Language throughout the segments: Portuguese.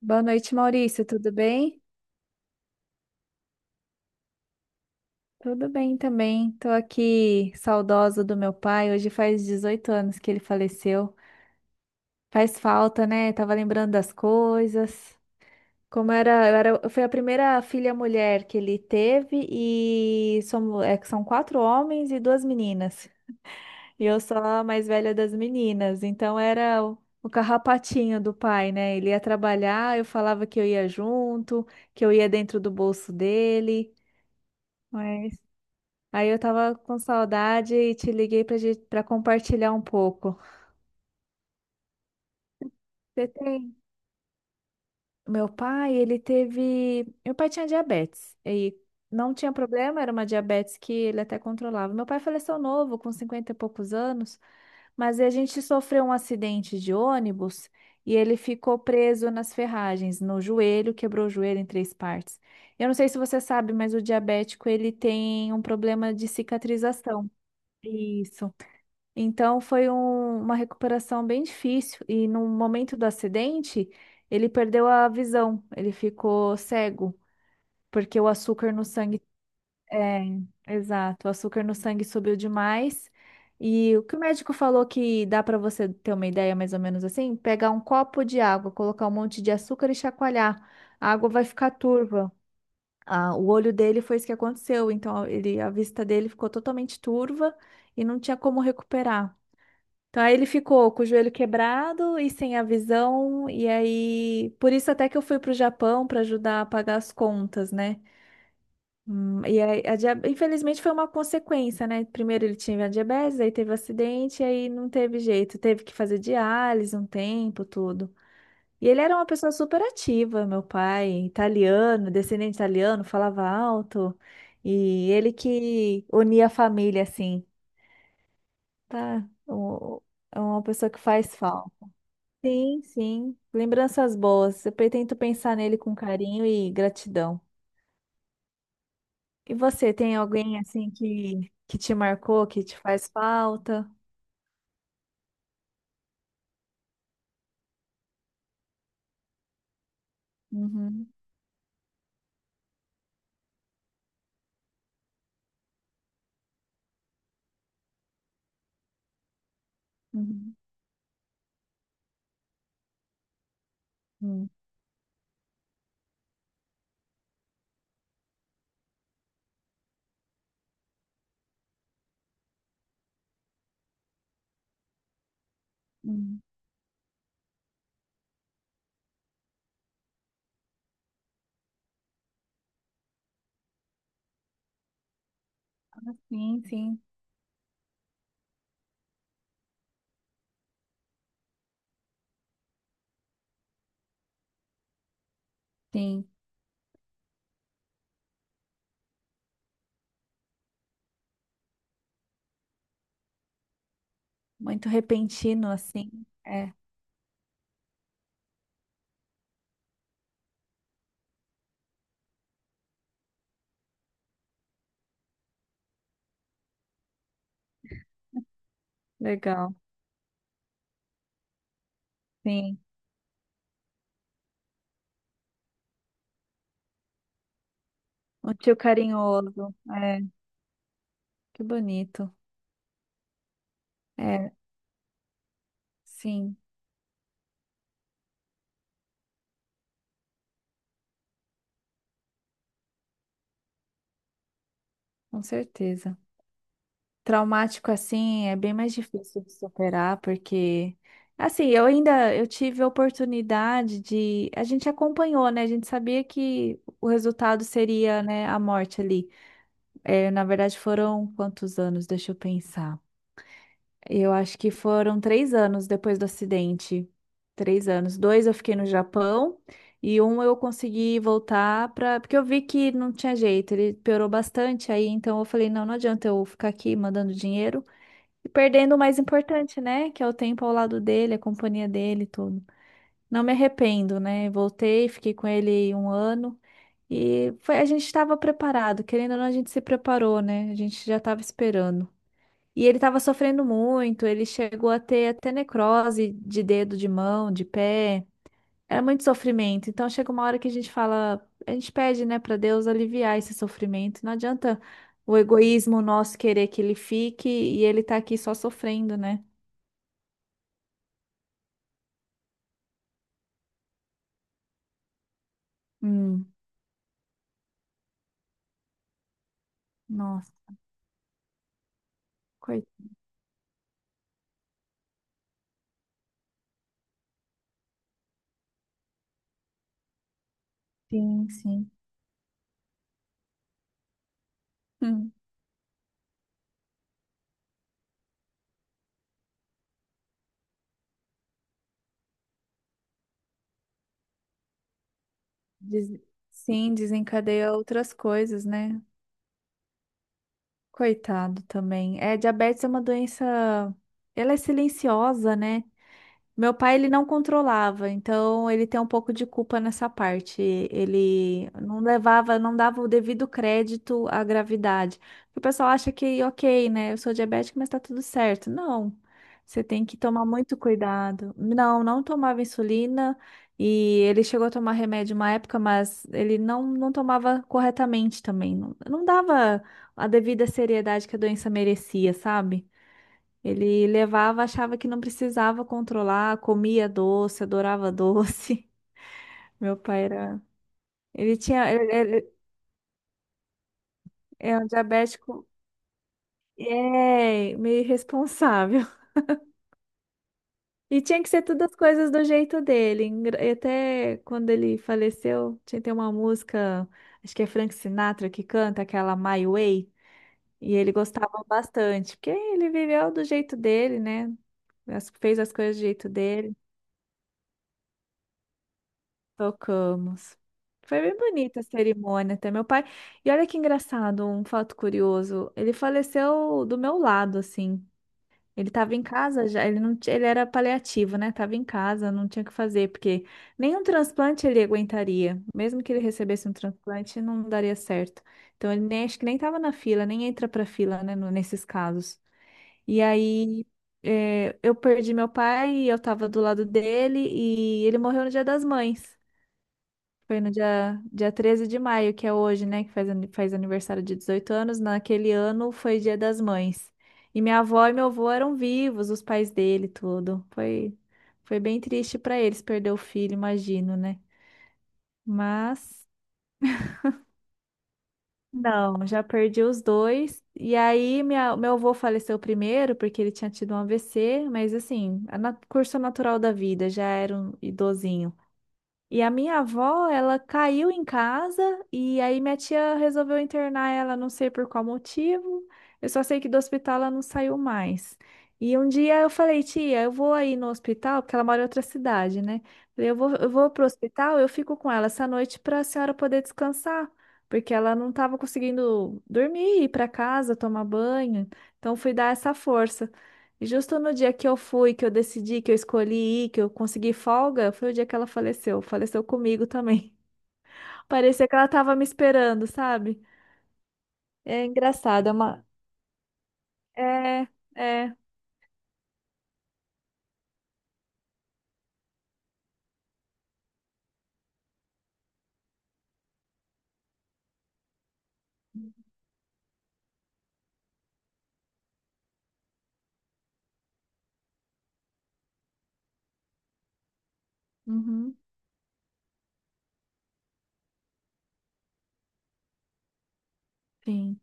Boa noite, Maurício. Tudo bem? Tudo bem também. Tô aqui saudosa do meu pai. Hoje faz 18 anos que ele faleceu. Faz falta, né? Tava lembrando das coisas. Como era, eu era, Eu fui a primeira filha mulher que ele teve e somos, é que são quatro homens e duas meninas. E eu sou a mais velha das meninas, então era o carrapatinho do pai, né? Ele ia trabalhar, eu falava que eu ia junto, que eu ia dentro do bolso dele. mas Aí eu tava com saudade e te liguei pra gente, para compartilhar um pouco. Você tem? Meu pai, ele teve. Meu pai tinha diabetes e não tinha problema, era uma diabetes que ele até controlava. Meu pai faleceu novo, com 50 e poucos anos, mas a gente sofreu um acidente de ônibus e ele ficou preso nas ferragens, no joelho, quebrou o joelho em três partes. Eu não sei se você sabe, mas o diabético ele tem um problema de cicatrização. Isso. Então foi uma recuperação bem difícil e no momento do acidente ele perdeu a visão, ele ficou cego porque o açúcar no sangue é, exato, o açúcar no sangue subiu demais. E o que o médico falou que dá para você ter uma ideia mais ou menos assim, pegar um copo de água, colocar um monte de açúcar e chacoalhar, a água vai ficar turva. Ah, o olho dele foi isso que aconteceu, então ele, a vista dele ficou totalmente turva e não tinha como recuperar. Então aí ele ficou com o joelho quebrado e sem a visão, e aí por isso até que eu fui pro Japão para ajudar a pagar as contas, né? E aí, infelizmente foi uma consequência, né? Primeiro ele tinha diabetes, aí teve acidente, e aí não teve jeito, teve que fazer diálise um tempo, tudo. E ele era uma pessoa super ativa, meu pai, italiano, descendente italiano, falava alto, e ele que unia a família assim, tá? É uma pessoa que faz falta. Sim, sim. Lembranças boas. Eu pretendo pensar nele com carinho e gratidão. E você, tem alguém assim que te marcou, que te faz falta? Uhum, uhum, uhum, uhum. Ah, sim, sim, sim. Muito repentino, assim. É, legal. Sim. Um tio carinhoso. É, que bonito. É, sim, com certeza. Traumático assim é bem mais difícil de superar, porque assim, eu ainda eu tive a oportunidade de, a gente acompanhou, né? A gente sabia que o resultado seria, né, a morte ali. É, na verdade, foram quantos anos? Deixa eu pensar. Eu acho que foram 3 anos depois do acidente. 3 anos. Dois eu fiquei no Japão e um eu consegui voltar para. Porque eu vi que não tinha jeito, ele piorou bastante aí, então eu falei, não, não adianta eu ficar aqui mandando dinheiro. E perdendo o mais importante, né? Que é o tempo ao lado dele, a companhia dele, e tudo. Não me arrependo, né? Voltei, fiquei com ele um ano e foi, a gente estava preparado, querendo ou não, a gente se preparou, né? A gente já estava esperando. E ele estava sofrendo muito, ele chegou a ter até necrose de dedo, de mão, de pé. Era muito sofrimento. Então chega uma hora que a gente fala, a gente pede, né, para Deus aliviar esse sofrimento. Não adianta o egoísmo nosso querer que ele fique e ele tá aqui só sofrendo, né? Hum, nossa, coitado. Sim, sim. Hum. Des- Sim, desencadeia outras coisas, né? Coitado também. É, diabetes é uma doença. Ela é silenciosa, né? Meu pai, ele não controlava, então ele tem um pouco de culpa nessa parte. Ele não levava, não dava o devido crédito à gravidade. O pessoal acha que, ok, né, eu sou diabética, mas tá tudo certo. Não, você tem que tomar muito cuidado. Não, não tomava insulina e ele chegou a tomar remédio uma época, mas ele não, não tomava corretamente também. Não, não dava a devida seriedade que a doença merecia, sabe? Ele levava, achava que não precisava controlar, comia doce, adorava doce. Meu pai era. Ele tinha. Ele, é um diabético. É, meio irresponsável. E tinha que ser todas as coisas do jeito dele. E até quando ele faleceu, tinha que uma música, acho que é Frank Sinatra que canta, aquela My Way. E ele gostava bastante, porque ele viveu do jeito dele, né? Fez as coisas do jeito dele. Tocamos. Foi bem bonita a cerimônia até meu pai. E olha que engraçado, um fato curioso. Ele faleceu do meu lado, assim. Ele estava em casa já, ele não, ele era paliativo, né? Tava em casa, não tinha o que fazer, porque nenhum transplante ele aguentaria. Mesmo que ele recebesse um transplante, não daria certo. Então ele nem acho que nem estava na fila, nem entra para fila, né, nesses casos. E aí eu perdi meu pai, eu estava do lado dele e ele morreu no Dia das Mães. Foi no dia 13 de maio, que é hoje, né? Que faz aniversário de 18 anos. Naquele ano foi Dia das Mães. E minha avó e meu avô eram vivos, os pais dele, tudo. Foi, foi bem triste para eles perder o filho, imagino, né? Mas não, já perdi os dois. E aí meu avô faleceu primeiro porque ele tinha tido um AVC, mas assim, a curso natural da vida, já era um idosinho. E a minha avó, ela caiu em casa e aí minha tia resolveu internar ela, não sei por qual motivo. Eu só sei que do hospital ela não saiu mais. E um dia eu falei, tia, eu vou aí no hospital, porque ela mora em outra cidade, né? Falei, eu vou pro hospital, eu fico com ela essa noite para a senhora poder descansar, porque ela não estava conseguindo dormir, ir para casa, tomar banho. Então fui dar essa força. Justo no dia que eu fui, que eu decidi, que eu escolhi ir, que eu consegui folga, foi o dia que ela faleceu. Faleceu comigo também. Parecia que ela tava me esperando, sabe? É engraçado, é uma. É, é. Uhum, sim.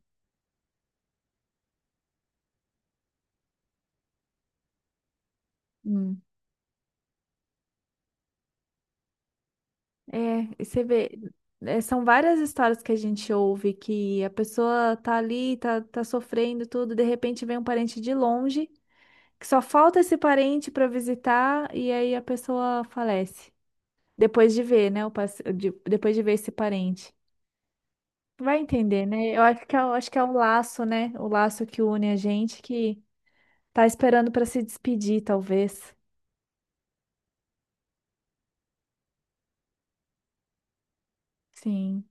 Hum. É, e você vê. É, são várias histórias que a gente ouve que a pessoa tá ali, tá sofrendo tudo, de repente vem um parente de longe, que só falta esse parente pra visitar, e aí a pessoa falece. Depois de ver, né? Depois de ver esse parente. Vai entender, né? Eu acho que acho que é o laço, né? O laço que une a gente que tá esperando para se despedir, talvez. Sim.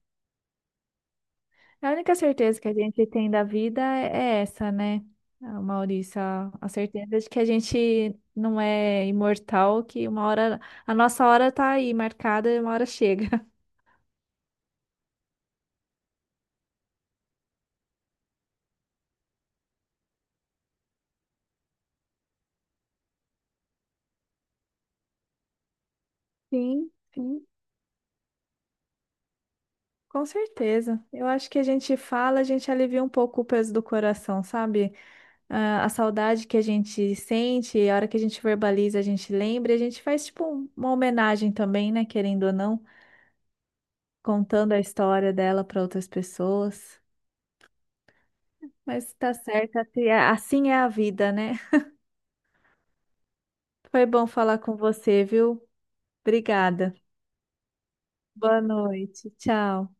A única certeza que a gente tem da vida é essa, né, Maurício? A certeza de que a gente não é imortal, que uma hora, a nossa hora tá aí marcada e uma hora chega. Sim, sim, com certeza. Eu acho que a gente fala, a gente alivia um pouco o peso do coração, sabe? Ah, a saudade que a gente sente, a hora que a gente verbaliza, a gente lembra, e a gente faz tipo uma homenagem também, né? Querendo ou não, contando a história dela para outras pessoas. Mas tá certo, assim é a vida, né? Foi bom falar com você, viu? Obrigada. Boa noite. Tchau.